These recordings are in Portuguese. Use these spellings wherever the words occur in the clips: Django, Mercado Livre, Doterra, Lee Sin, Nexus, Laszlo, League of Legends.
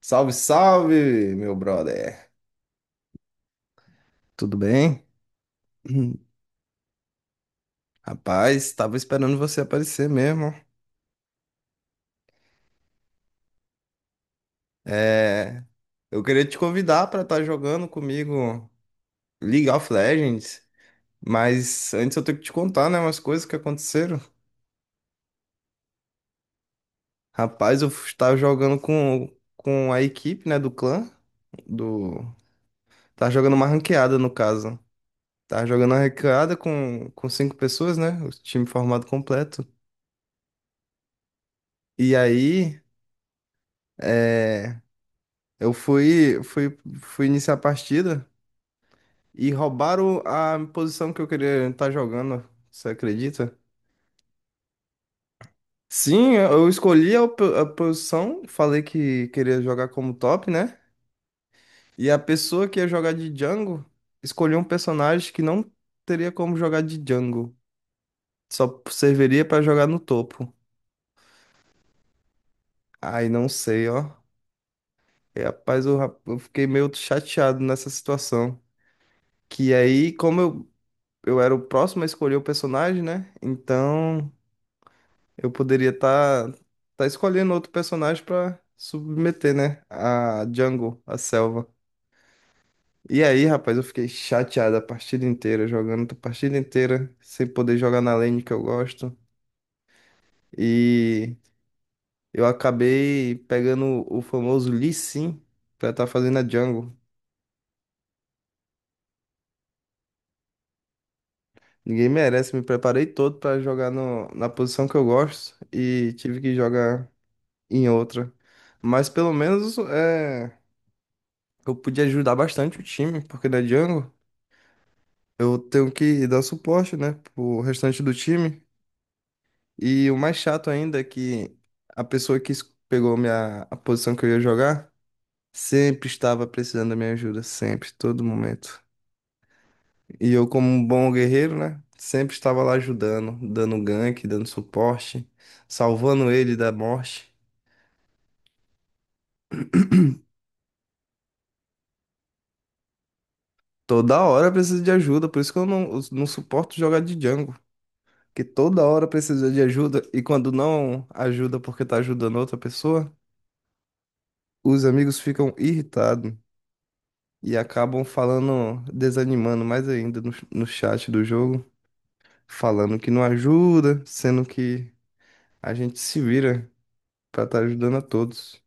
Salve, salve, meu brother. Tudo bem? Hum. Rapaz, tava esperando você aparecer mesmo. É, eu queria te convidar pra estar jogando comigo League of Legends, mas antes eu tenho que te contar, né, umas coisas que aconteceram. Rapaz, eu estava jogando com a equipe, né, do clã, do... Tava jogando uma ranqueada, no caso. Tava jogando uma ranqueada com 5 pessoas, né, o time formado completo. E aí... é Eu fui iniciar a partida e roubaram a posição que eu queria estar jogando. Você acredita? Sim, eu escolhi a posição, falei que queria jogar como top, né? E a pessoa que ia jogar de Django escolheu um personagem que não teria como jogar de Django, só serviria pra jogar no topo. Ai, não sei, ó. E, rapaz, eu fiquei meio chateado nessa situação. Que aí, como eu era o próximo a escolher o personagem, né? Então eu poderia tá escolhendo outro personagem pra submeter, né? A jungle, a selva. E aí, rapaz, eu fiquei chateado a partida inteira, jogando a partida inteira, sem poder jogar na lane que eu gosto. E eu acabei pegando o famoso Lee Sin pra estar fazendo a jungle. Ninguém merece, me preparei todo pra jogar no, na posição que eu gosto e tive que jogar em outra. Mas pelo menos eu podia ajudar bastante o time, porque na Django eu tenho que dar suporte, né, pro restante do time. E o mais chato ainda é que a pessoa que es- pegou a posição que eu ia jogar sempre estava precisando da minha ajuda, sempre, todo momento. E eu, como um bom guerreiro, né, sempre estava lá ajudando, dando gank, dando suporte, salvando ele da morte. Toda hora eu preciso de ajuda, por isso que eu não suporto jogar de Django, que toda hora precisa de ajuda e quando não ajuda porque tá ajudando outra pessoa, os amigos ficam irritados e acabam falando, desanimando mais ainda no chat do jogo, falando que não ajuda, sendo que a gente se vira pra estar ajudando a todos.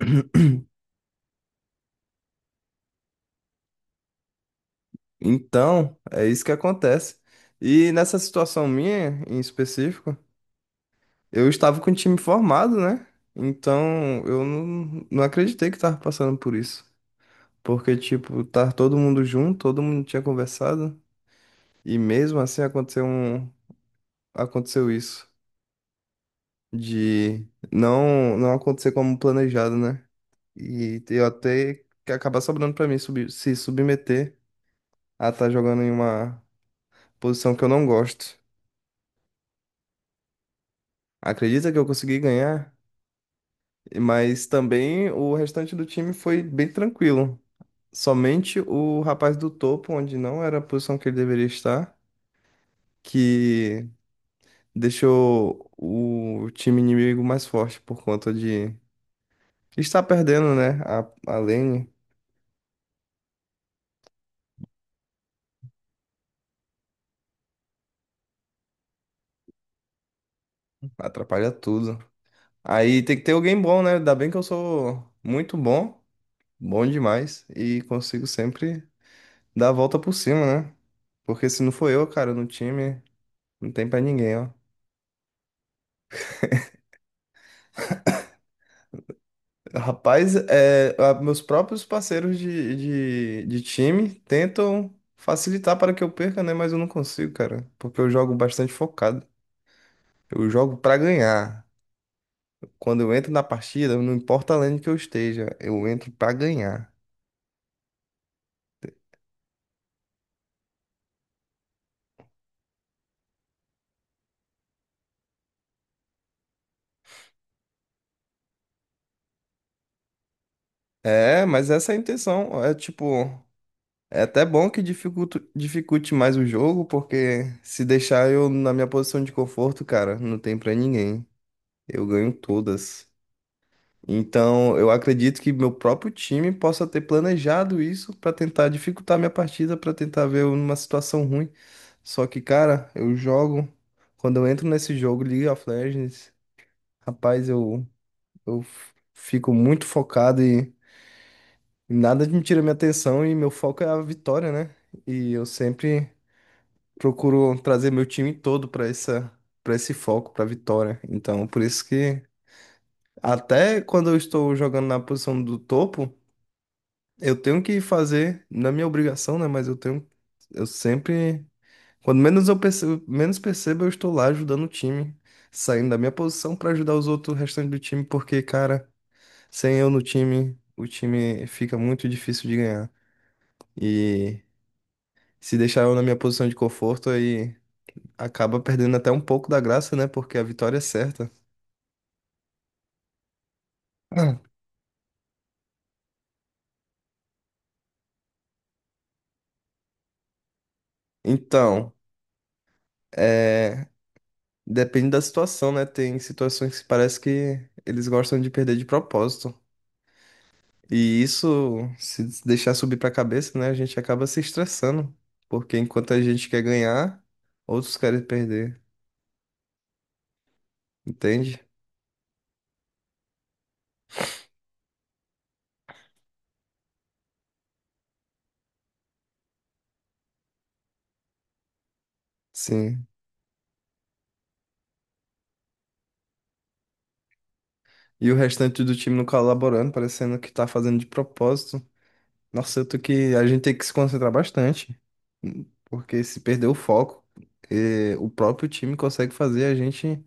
Então, é isso que acontece. E nessa situação minha, em específico, eu estava com o time formado, né? Então, eu não, não acreditei que estava passando por isso. Porque, tipo, tá todo mundo junto, todo mundo tinha conversado, e mesmo assim aconteceu isso, de não acontecer como planejado, né? E eu até que acabar sobrando pra mim subi- se submeter a estar jogando em uma posição que eu não gosto. Acredita que eu consegui ganhar, mas também o restante do time foi bem tranquilo. Somente o rapaz do topo, onde não era a posição que ele deveria estar, que deixou o time inimigo mais forte por conta de estar perdendo, né? A lane atrapalha tudo. Aí tem que ter alguém bom, né? Ainda bem que eu sou muito bom, bom demais, e consigo sempre dar a volta por cima, né? Porque se não for eu, cara, no time, não tem pra ninguém, ó. Rapaz, meus próprios parceiros de time tentam facilitar para que eu perca, né? Mas eu não consigo, cara, porque eu jogo bastante focado. Eu jogo pra ganhar. Quando eu entro na partida, não importa a lane que eu esteja, eu entro pra ganhar. É, mas essa é a intenção. É tipo, é até bom que dificulte mais o jogo, porque se deixar eu na minha posição de conforto, cara, não tem pra ninguém. Eu ganho todas. Então, eu acredito que meu próprio time possa ter planejado isso pra tentar dificultar minha partida, pra tentar ver eu numa situação ruim. Só que, cara, eu jogo. Quando eu entro nesse jogo, League of Legends. Rapaz, eu fico muito focado e nada me tira minha atenção e meu foco é a vitória, né? E eu sempre procuro trazer meu time todo para para esse foco, para vitória. Então, por isso que até quando eu estou jogando na posição do topo, eu tenho que fazer, na minha obrigação, né? Mas eu tenho, eu sempre, quando menos percebo, eu estou lá ajudando o time, saindo da minha posição para ajudar os outros restantes do time, porque, cara, sem eu no time, o time fica muito difícil de ganhar. E se deixar eu na minha posição de conforto, aí acaba perdendo até um pouco da graça, né? Porque a vitória é certa. Ah. Então, é... depende da situação, né? Tem situações que parece que eles gostam de perder de propósito. E isso, se deixar subir pra cabeça, né? A gente acaba se estressando. Porque enquanto a gente quer ganhar, outros querem perder. Entende? Sim. E o restante do time não colaborando, parecendo que tá fazendo de propósito. Nossa, eu tô que. A gente tem que se concentrar bastante. Porque se perder o foco, o próprio time consegue fazer a gente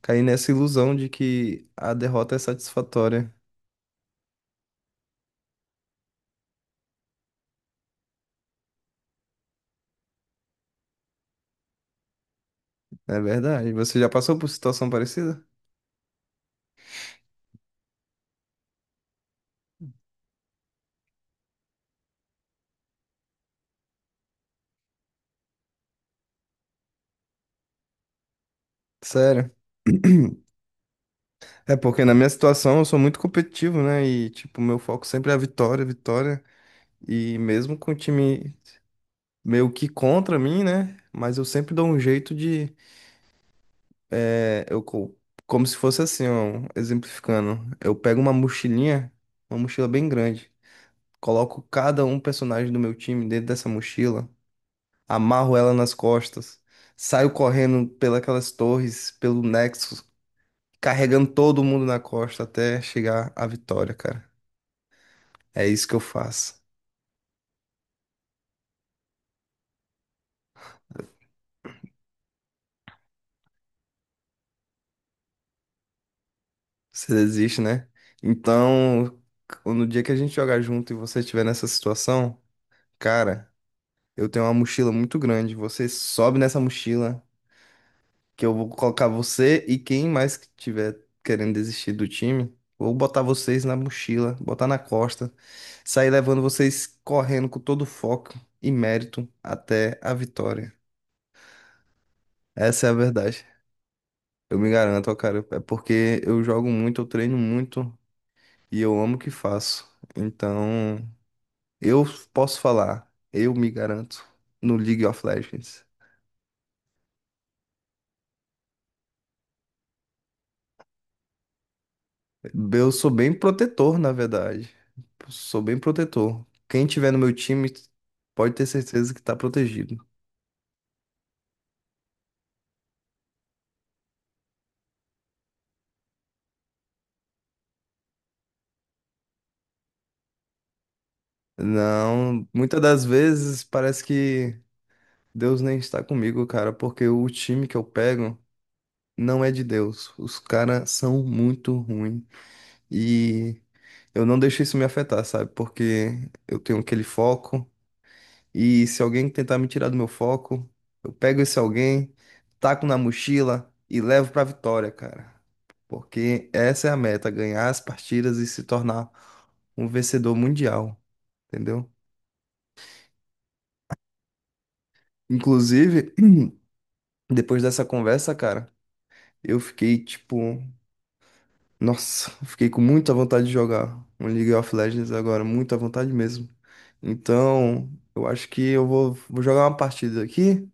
cair nessa ilusão de que a derrota é satisfatória. É verdade. Você já passou por situação parecida? Sério. É porque na minha situação eu sou muito competitivo, né? E, tipo, meu foco sempre é a vitória, vitória. E mesmo com o time meio que contra mim, né? Mas eu sempre dou um jeito de. É, eu, co- como se fosse assim, ó, exemplificando. Eu pego uma mochilinha, uma mochila bem grande, coloco cada um personagem do meu time dentro dessa mochila, amarro ela nas costas, saio correndo pelas torres, pelo Nexus, carregando todo mundo na costa até chegar à vitória, cara. É isso que eu faço. Você desiste, né? Então, no dia que a gente jogar junto e você estiver nessa situação, cara. Eu tenho uma mochila muito grande. Você sobe nessa mochila, que eu vou colocar você e quem mais que tiver querendo desistir do time, vou botar vocês na mochila, botar na costa, sair levando vocês correndo com todo foco e mérito até a vitória. Essa é a verdade. Eu me garanto, ó, cara, é porque eu jogo muito, eu treino muito e eu amo o que faço. Então, eu posso falar, eu me garanto no League of Legends. Eu sou bem protetor, na verdade. Sou bem protetor. Quem tiver no meu time pode ter certeza que tá protegido. Não, muitas das vezes parece que Deus nem está comigo, cara, porque o time que eu pego não é de Deus. Os caras são muito ruins. E eu não deixo isso me afetar, sabe? Porque eu tenho aquele foco. E se alguém tentar me tirar do meu foco, eu pego esse alguém, taco na mochila e levo pra vitória, cara. Porque essa é a meta, ganhar as partidas e se tornar um vencedor mundial, entendeu? Inclusive, depois dessa conversa, cara, eu fiquei tipo, nossa, eu fiquei com muita vontade de jogar um League of Legends agora, muita vontade mesmo. Então, eu acho que vou jogar uma partida aqui.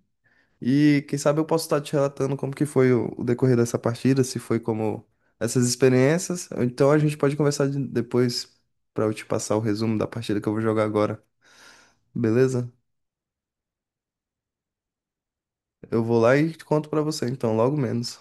E quem sabe eu posso estar te relatando como que foi o decorrer dessa partida, se foi como essas experiências. Ou então a gente pode conversar depois pra eu te passar o resumo da partida que eu vou jogar agora, beleza? Eu vou lá e te conto pra você, então, logo menos.